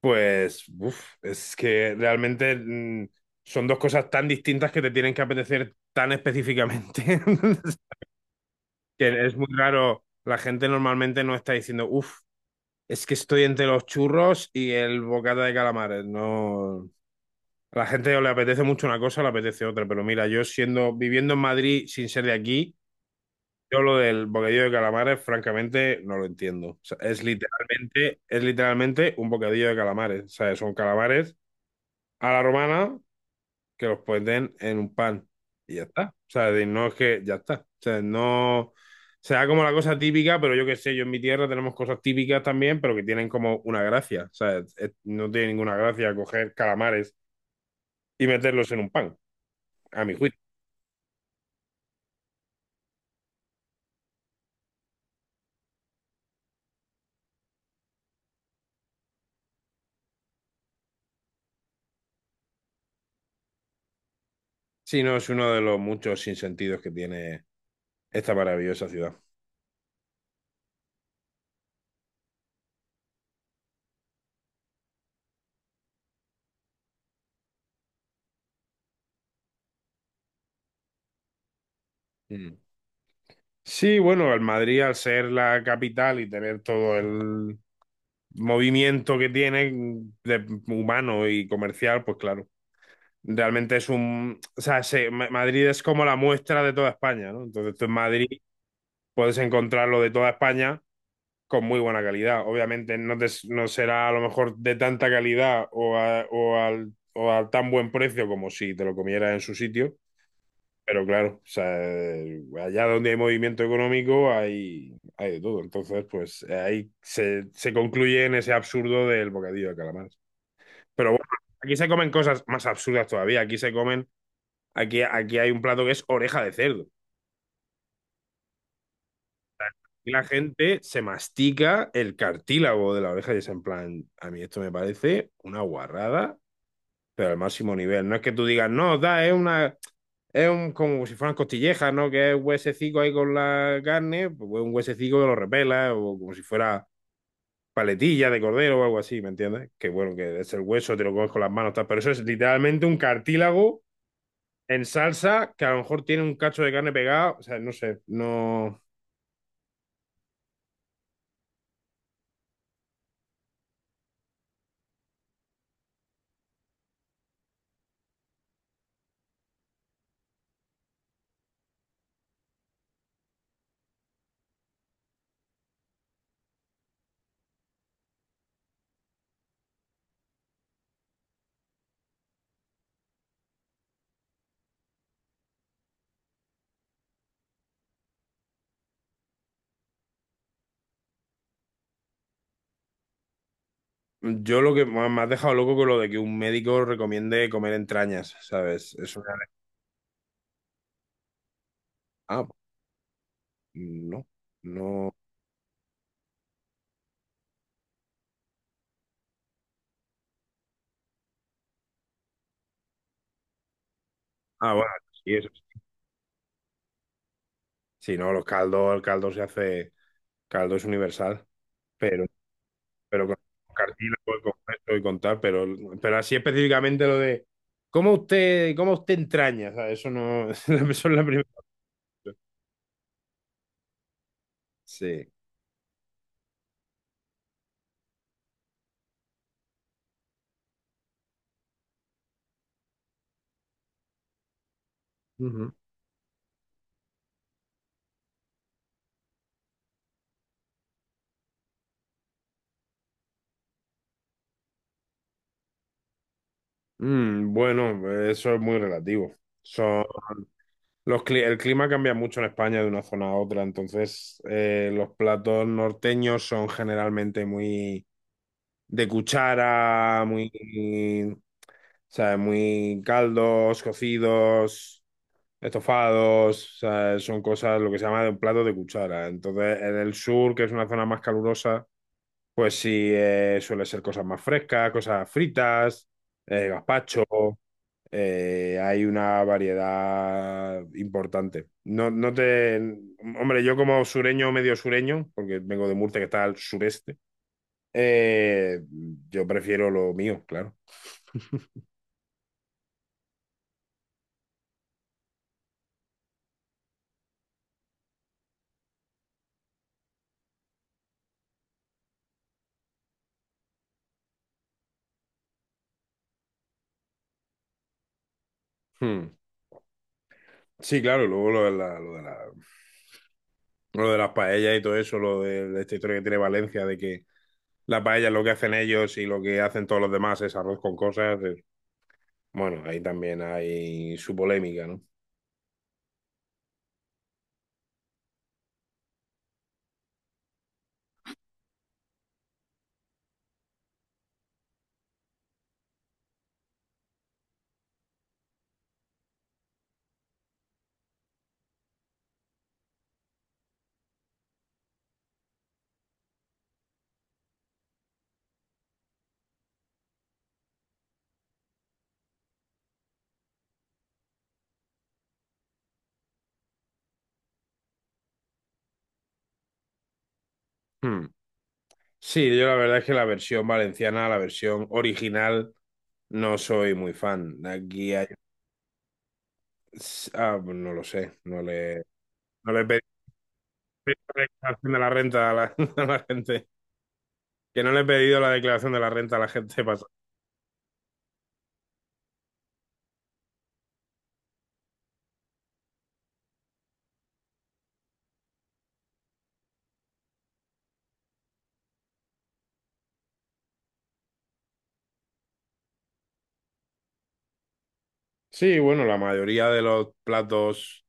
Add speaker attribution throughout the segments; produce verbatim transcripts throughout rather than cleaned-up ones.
Speaker 1: Pues, uf, es que realmente mm, son dos cosas tan distintas que te tienen que apetecer tan específicamente. Que es muy raro. La gente normalmente no está diciendo, uff, es que estoy entre los churros y el bocata de calamares. No. A la gente o le apetece mucho una cosa o le apetece otra. Pero mira, yo siendo, viviendo en Madrid sin ser de aquí, yo lo del bocadillo de calamares, francamente, no lo entiendo. O sea, es literalmente, es literalmente un bocadillo de calamares. O sea, son calamares a la romana que los ponen en un pan y ya está. O sea, de- no es que ya está. O sea, no sea como la cosa típica, pero yo qué sé, yo en mi tierra tenemos cosas típicas también, pero que tienen como una gracia. O sea, es- es- no tiene ninguna gracia coger calamares y meterlos en un pan, a mi juicio. Si no, es uno de los muchos sinsentidos que tiene esta maravillosa ciudad. Mm. Sí, bueno, el Madrid al ser la capital y tener todo el movimiento que tiene de humano y comercial, pues claro, realmente es un, o sea, se- Ma- Madrid es como la muestra de toda España, ¿no? Entonces tú en Madrid puedes encontrar lo de toda España con muy buena calidad. Obviamente no, te- no será a lo mejor de tanta calidad o, a- o al, o al tan buen precio como si te lo comieras en su sitio, pero claro, o sea, allá donde hay movimiento económico hay, hay de todo. Entonces, pues ahí se, se concluye en ese absurdo del bocadillo de calamar. Pero bueno, aquí se comen cosas más absurdas todavía. Aquí se comen, aquí, aquí hay un plato que es oreja de cerdo. Y la gente se mastica el cartílago de la oreja y es en plan, a mí esto me parece una guarrada pero al máximo nivel. No es que tú digas, no, da, es una. Es un, como si fueran costillejas, ¿no? Que es un huesecico ahí con la carne, pues un huesecico que lo repela, o como si fuera paletilla de cordero o algo así, ¿me entiendes? Que bueno, que es el hueso, te lo comes con las manos, tal, pero eso es literalmente un cartílago en salsa que a lo mejor tiene un cacho de carne pegado, o sea, no sé, no... Yo lo que me has dejado loco con lo de que un médico recomiende comer entrañas, ¿sabes? Eso... Ah, no, no... Ah, bueno, sí, eso. Si no, los caldos, el caldo se hace, caldo es universal, pero, pero con cartílago y con esto y con tal, pero, pero así específicamente lo de cómo usted, cómo usted entraña, o eso no, eso es la primera. Sí. Ujú. Mm, bueno, eso es muy relativo. Son los cli- el clima cambia mucho en España de una zona a otra, entonces eh, los platos norteños son generalmente muy de cuchara, muy, ¿sabes? Muy caldos, cocidos, estofados, ¿sabes? Son cosas, lo que se llama de un plato de cuchara. Entonces, en el sur, que es una zona más calurosa, pues sí, eh, suele ser cosas más frescas, cosas fritas, eh, gazpacho, eh, hay una variedad importante. No, no te. Hombre, yo como sureño, medio sureño, porque vengo de Murcia, que está al sureste, eh, yo prefiero lo mío, claro. Hmm. Sí, claro, y luego lo de la, lo de la- lo de las paellas y todo eso, lo de, de esta historia que tiene Valencia, de que las paellas lo que hacen ellos y lo que hacen todos los demás es arroz con cosas. es- Bueno, ahí también hay su polémica, ¿no? Hmm. Sí, yo la verdad es que la versión valenciana, la versión original, no soy muy fan. Aquí hay... Ah, pues no lo sé, no le, no le he pedido la declaración de la renta a la, a la gente. Que no le he pedido la declaración de la renta a la gente pasada. Sí, bueno, la mayoría de los platos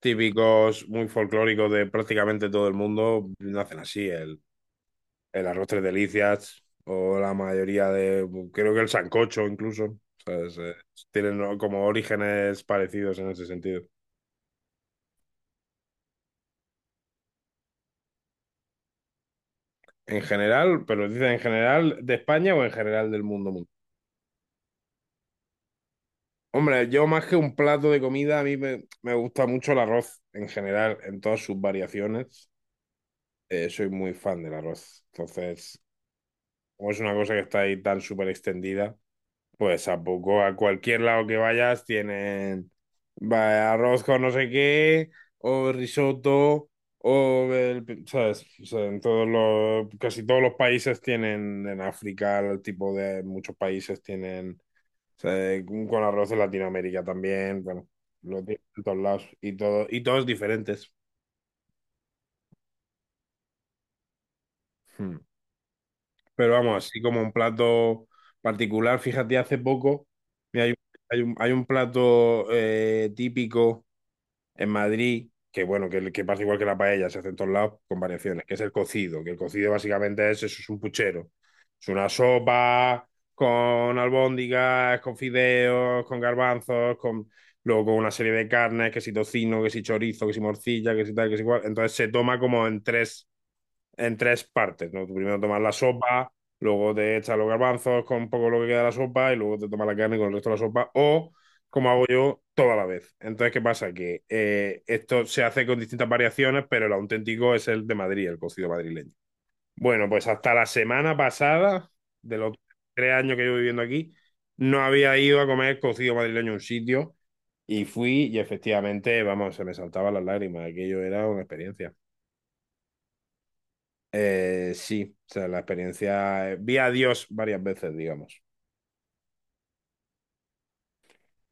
Speaker 1: típicos, muy folclóricos de prácticamente todo el mundo, nacen así. El, el arroz tres delicias o la mayoría de, creo que el sancocho incluso, ¿sabes? Eh, tienen como orígenes parecidos en ese sentido. En general, pero dicen en general de España o en general del mundo. mu- Hombre, yo más que un plato de comida, a mí me, me gusta mucho el arroz en general, en todas sus variaciones. Eh, soy muy fan del arroz. Entonces, como es una cosa que está ahí tan súper extendida, pues tampoco a cualquier lado que vayas tienen va, arroz con no sé qué, o risotto, o el- pi- ¿sabes? O sea, en todos los, casi todos los países tienen, en África, el tipo de muchos países tienen, o sea, con con arroz en Latinoamérica también, bueno, lo tienen en todos lados, y todo, y todos diferentes. Pero vamos, así como un plato particular, fíjate, hace poco, mira, hay un, hay un- hay un plato eh, típico en Madrid, que bueno, que, que pasa igual que la paella, se hace en todos lados con variaciones, que es el cocido, que el cocido básicamente es eso, es un puchero. Es una sopa con albóndigas, con fideos, con garbanzos, con luego con una serie de carnes, que si tocino, que si chorizo, que si morcilla, que si tal, que si cual. Entonces se toma como en tres, en tres partes, ¿no? Tú primero tomas la sopa, luego te echas los garbanzos con un poco lo que queda de la sopa y luego te tomas la carne con el resto de la sopa o como hago yo toda la vez. Entonces, ¿qué pasa? Que eh, esto se hace con distintas variaciones, pero el auténtico es el de Madrid, el cocido madrileño. Bueno, pues hasta la semana pasada, de los tres años que llevo viviendo aquí, no había ido a comer cocido madrileño a un sitio y fui y efectivamente, vamos, se me saltaban las lágrimas. Aquello era una experiencia. Eh, sí, o sea, la experiencia. Eh, Vi a Dios varias veces, digamos.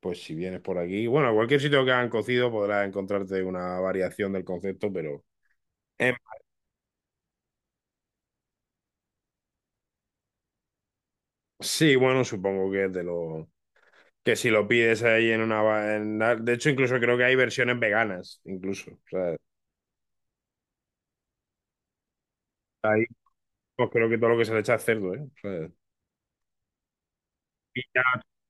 Speaker 1: Pues si vienes por aquí, bueno, a cualquier sitio que hagan cocido podrás encontrarte una variación del concepto, pero em, sí, bueno, supongo que es de los que si lo pides ahí en una... va- en la- de hecho, incluso creo que hay versiones veganas, incluso. O sea, ahí pues creo que todo lo que se le echa es cerdo, ¿eh? O sea, morcilla,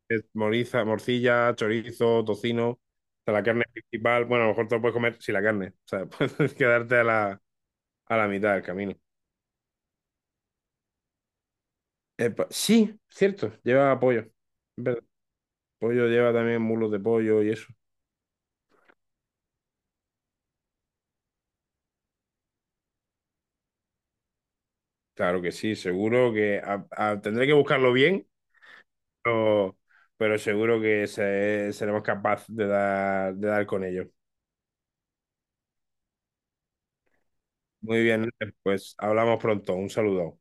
Speaker 1: eh, moriza- morcilla, chorizo, tocino, o sea, la carne principal. Bueno, a lo mejor te lo puedes comer sin la carne. O sea, puedes quedarte a la, a la mitad del camino. Epa, sí, cierto, lleva pollo. Es verdad. Pollo lleva también mulos de pollo y eso. Claro que sí, seguro que a- a- tendré que buscarlo bien, pero, pero seguro que se- seremos capaces de dar, de dar con ello. Muy bien, pues hablamos pronto. Un saludo.